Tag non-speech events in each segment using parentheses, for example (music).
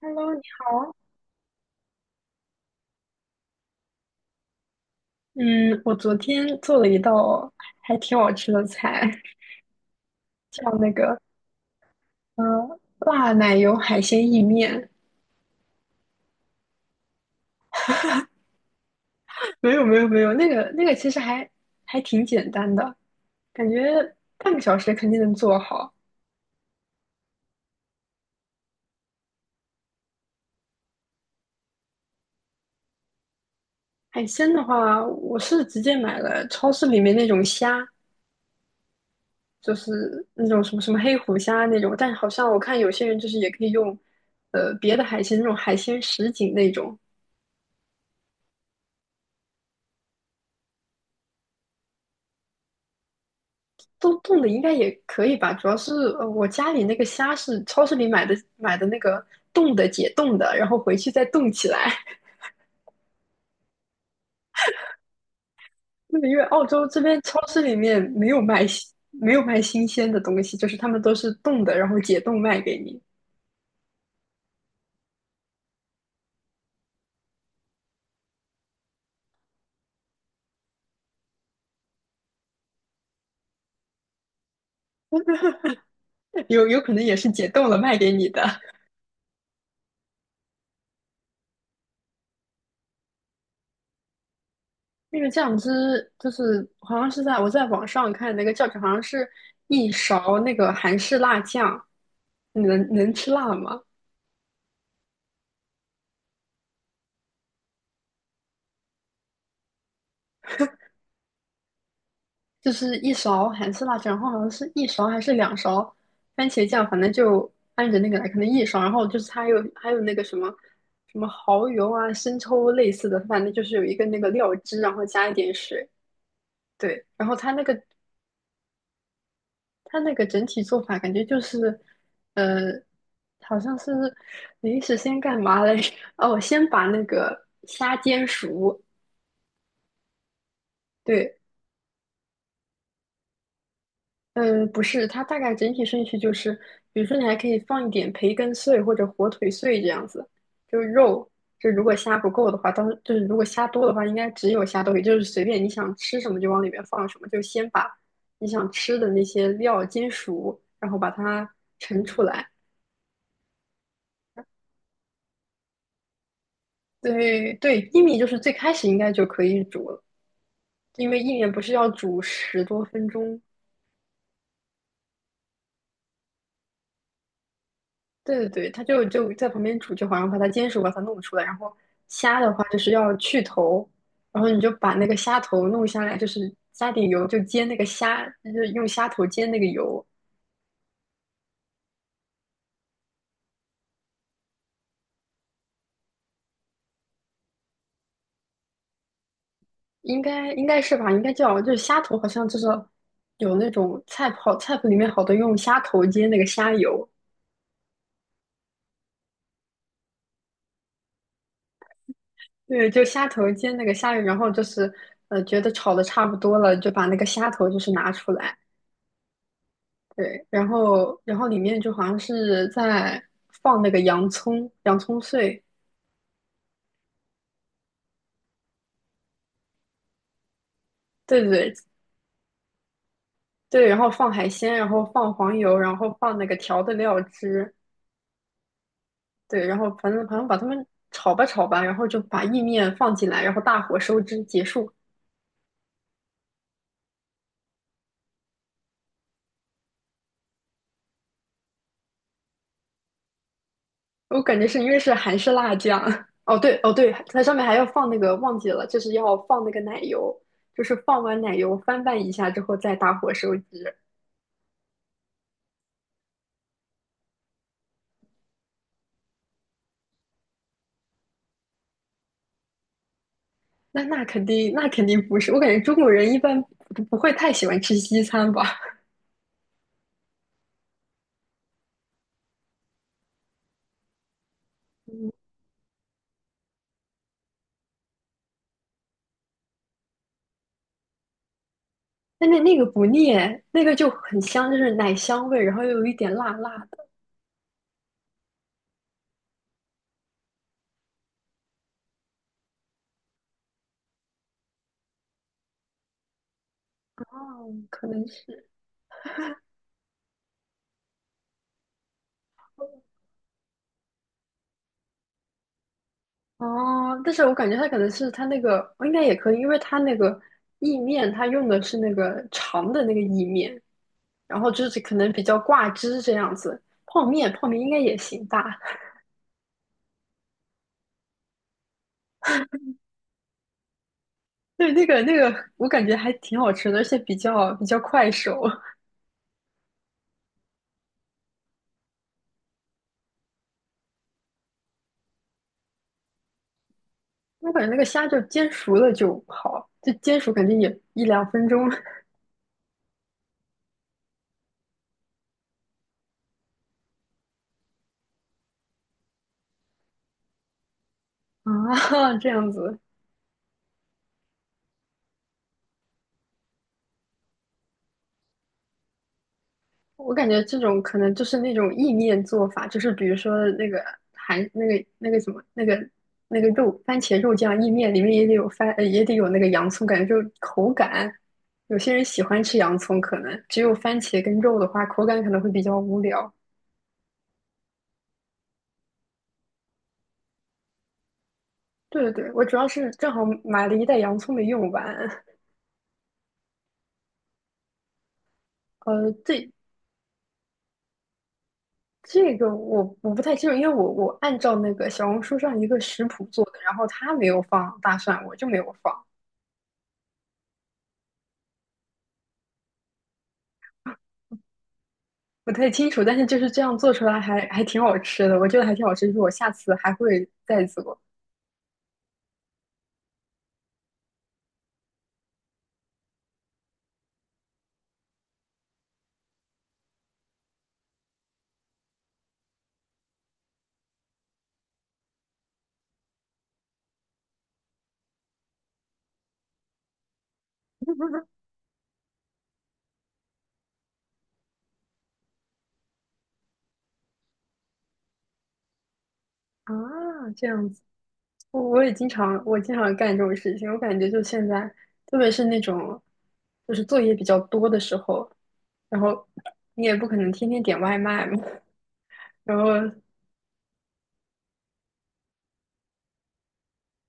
Hello，你嗯，我昨天做了一道还挺好吃的菜，叫那个呃辣奶油海鲜意面。没有没有没有，那个其实还挺简单的，感觉半个小时肯定能做好。海鲜的话，我是直接买了超市里面那种虾，就是那种什么黑虎虾那种，但好像我看有些人就是也可以用别的海鲜那种海鲜什锦那种。冻冻的应该也可以吧，主要是我家里那个虾是超市里买的那个冻的解冻的，然后回去再冻起来。(laughs) 那个因为澳洲这边超市里面没有卖新鲜的东西，就是他们都是冻的，然后解冻卖给你。(laughs) 有可能也是解冻了卖给你的。那个酱汁就是好像是在网上看那个教程，好像是一勺那个韩式辣酱，你能吃辣吗？就是一勺韩式辣酱，然后好像是一勺还是两勺番茄酱，反正就按着那个来，可能一勺，然后就是它还有那个什么蚝油啊、生抽类似的，反正就是有一个那个料汁，然后加一点水，对，然后它那个整体做法感觉就是，呃，好像是临时先干嘛来着？(laughs) 哦，先把那个虾煎熟，对，嗯，不是，它大概整体顺序就是，比如说你还可以放一点培根碎或者火腿碎这样子，就是肉。就如果虾不够的话，当就是如果虾多的话，应该只有虾豆腐，就是随便你想吃什么就往里面放什么，就先把你想吃的那些料煎熟，然后把它盛出来。对对，薏米就是最开始应该就可以煮了，因为薏米不是要煮十多分钟。对对对，就在旁边煮就好，像把它煎熟，把它弄出来。然后虾的话就是要去头，然后你就把那个虾头弄下来，就是加点油，就煎那个虾，就是用虾头煎那个油，应该是吧？应该叫就是虾头，好像就是有那种菜谱里面好多用虾头煎那个虾油，对，就虾头煎那个虾油，然后就是觉得炒的差不多了，就把那个虾头就是拿出来。对，然后里面就好像是在放那个洋葱、洋葱碎，对对对对，然后放海鲜，然后放黄油，然后放那个调的料汁，对，然后反正把它们炒吧，然后就把意面放进来，然后大火收汁结束。我感觉是因为是韩式辣酱，(laughs) 哦对哦对，它上面还要放那个忘记了，就是要放那个奶油，就是放完奶油翻拌一下之后再大火收汁。那那肯定，那肯定不是。我感觉中国人一般不会太喜欢吃西餐吧？嗯，(laughs) 那那那个不腻，那个就很香，就是奶香味，然后又有一点辣辣的。哦，可能是，哦，但是我感觉它可能是它那个，应该也可以，因为它那个意面，它用的是那个长的那个意面，然后就是可能比较挂汁这样子。泡面，泡面应该也行吧？(laughs) 对，那个，我感觉还挺好吃的，而且比较快手。我感觉那个虾就煎熟了就好，就煎熟肯定也一两分钟 (laughs) 啊，这样子。我感觉这种可能就是那种意面做法，就是比如说那个韩那个那个什么那个那个肉番茄肉酱意面里面也得有那个洋葱，感觉就口感。有些人喜欢吃洋葱，可能只有番茄跟肉的话，口感可能会比较无聊。对对对，我主要是正好买了一袋洋葱没用完。呃，这这个我不太清楚，因为我按照那个小红书上一个食谱做的，然后他没有放大蒜，我就没有放，不太清楚。但是就是这样做出来还挺好吃的，我觉得还挺好吃，就是我下次还会再做啊。这样子，我经常干这种事情，我感觉就现在，特别是那种就是作业比较多的时候，然后你也不可能天天点外卖嘛，然后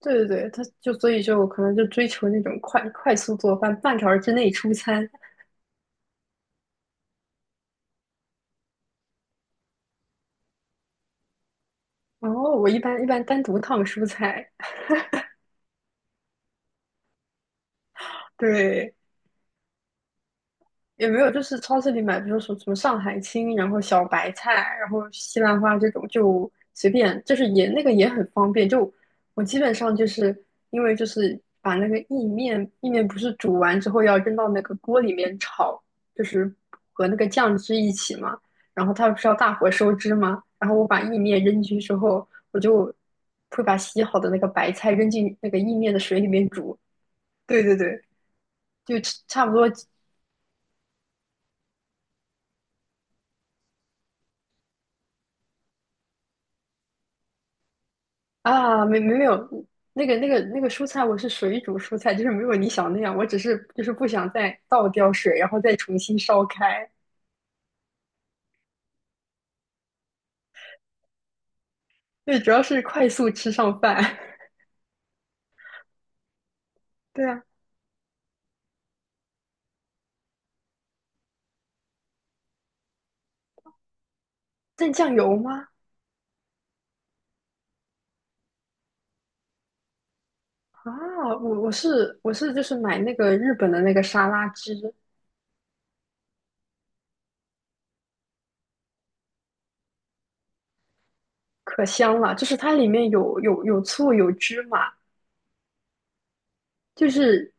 对对对，所以就可能就追求那种快速做饭，半个小时之内出餐。然后我一般单独烫蔬菜，对，也没有，就是超市里买，比如说什么上海青，然后小白菜，然后西兰花这种，就随便，就是也那个也很方便。就我基本上就是因为就是把那个意面，意面不是煮完之后要扔到那个锅里面炒，就是和那个酱汁一起嘛，然后它不是要大火收汁嘛，然后我把意面扔进去之后，我就会把洗好的那个白菜扔进那个意面的水里面煮。对对对，就差不多啊，没没没有，那个那个蔬菜，我是水煮蔬菜，就是没有你想那样，我只是就是不想再倒掉水，然后再重新烧开。对，主要是快速吃上饭。(laughs) 对啊，蘸酱油吗？啊，我是就是买那个日本的那个沙拉汁，可香了，就是它里面有醋有芝麻，就是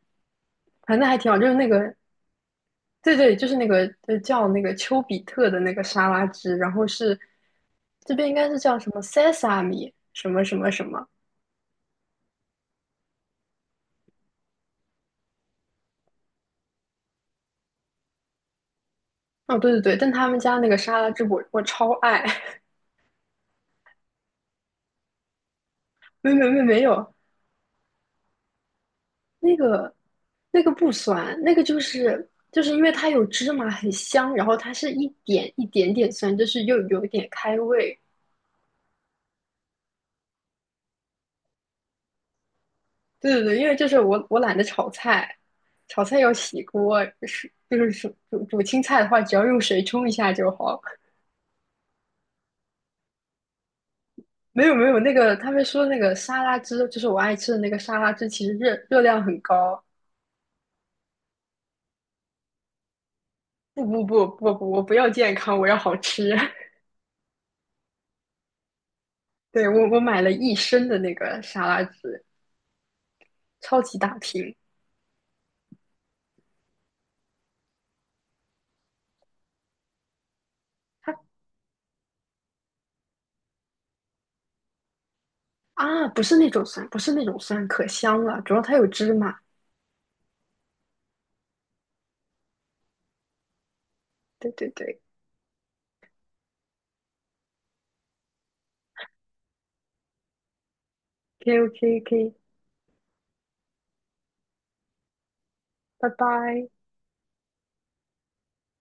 反正还挺好，就是那个。对对，就是那个叫那个丘比特的那个沙拉汁，然后是这边应该是叫什么 sesame 什么什么什么。哦，对对对，但他们家那个沙拉汁我超爱，(laughs) 没没没没有那个不酸，就是因为它有芝麻很香，然后它是一点点酸，就是又有一点开胃。对对对，因为就是我懒得炒菜，炒菜要洗锅，煮青菜的话，只要用水冲一下就好。没有没有，那个他们说那个沙拉汁，就是我爱吃的那个沙拉汁，其实热量很高。不不不不不，我不要健康，我要好吃。(laughs) 对，我我买了一升的那个沙拉汁，超级大瓶。它啊，不是那种酸，不是那种酸，可香了，主要它有芝麻。对对对，OK OK OK,拜拜。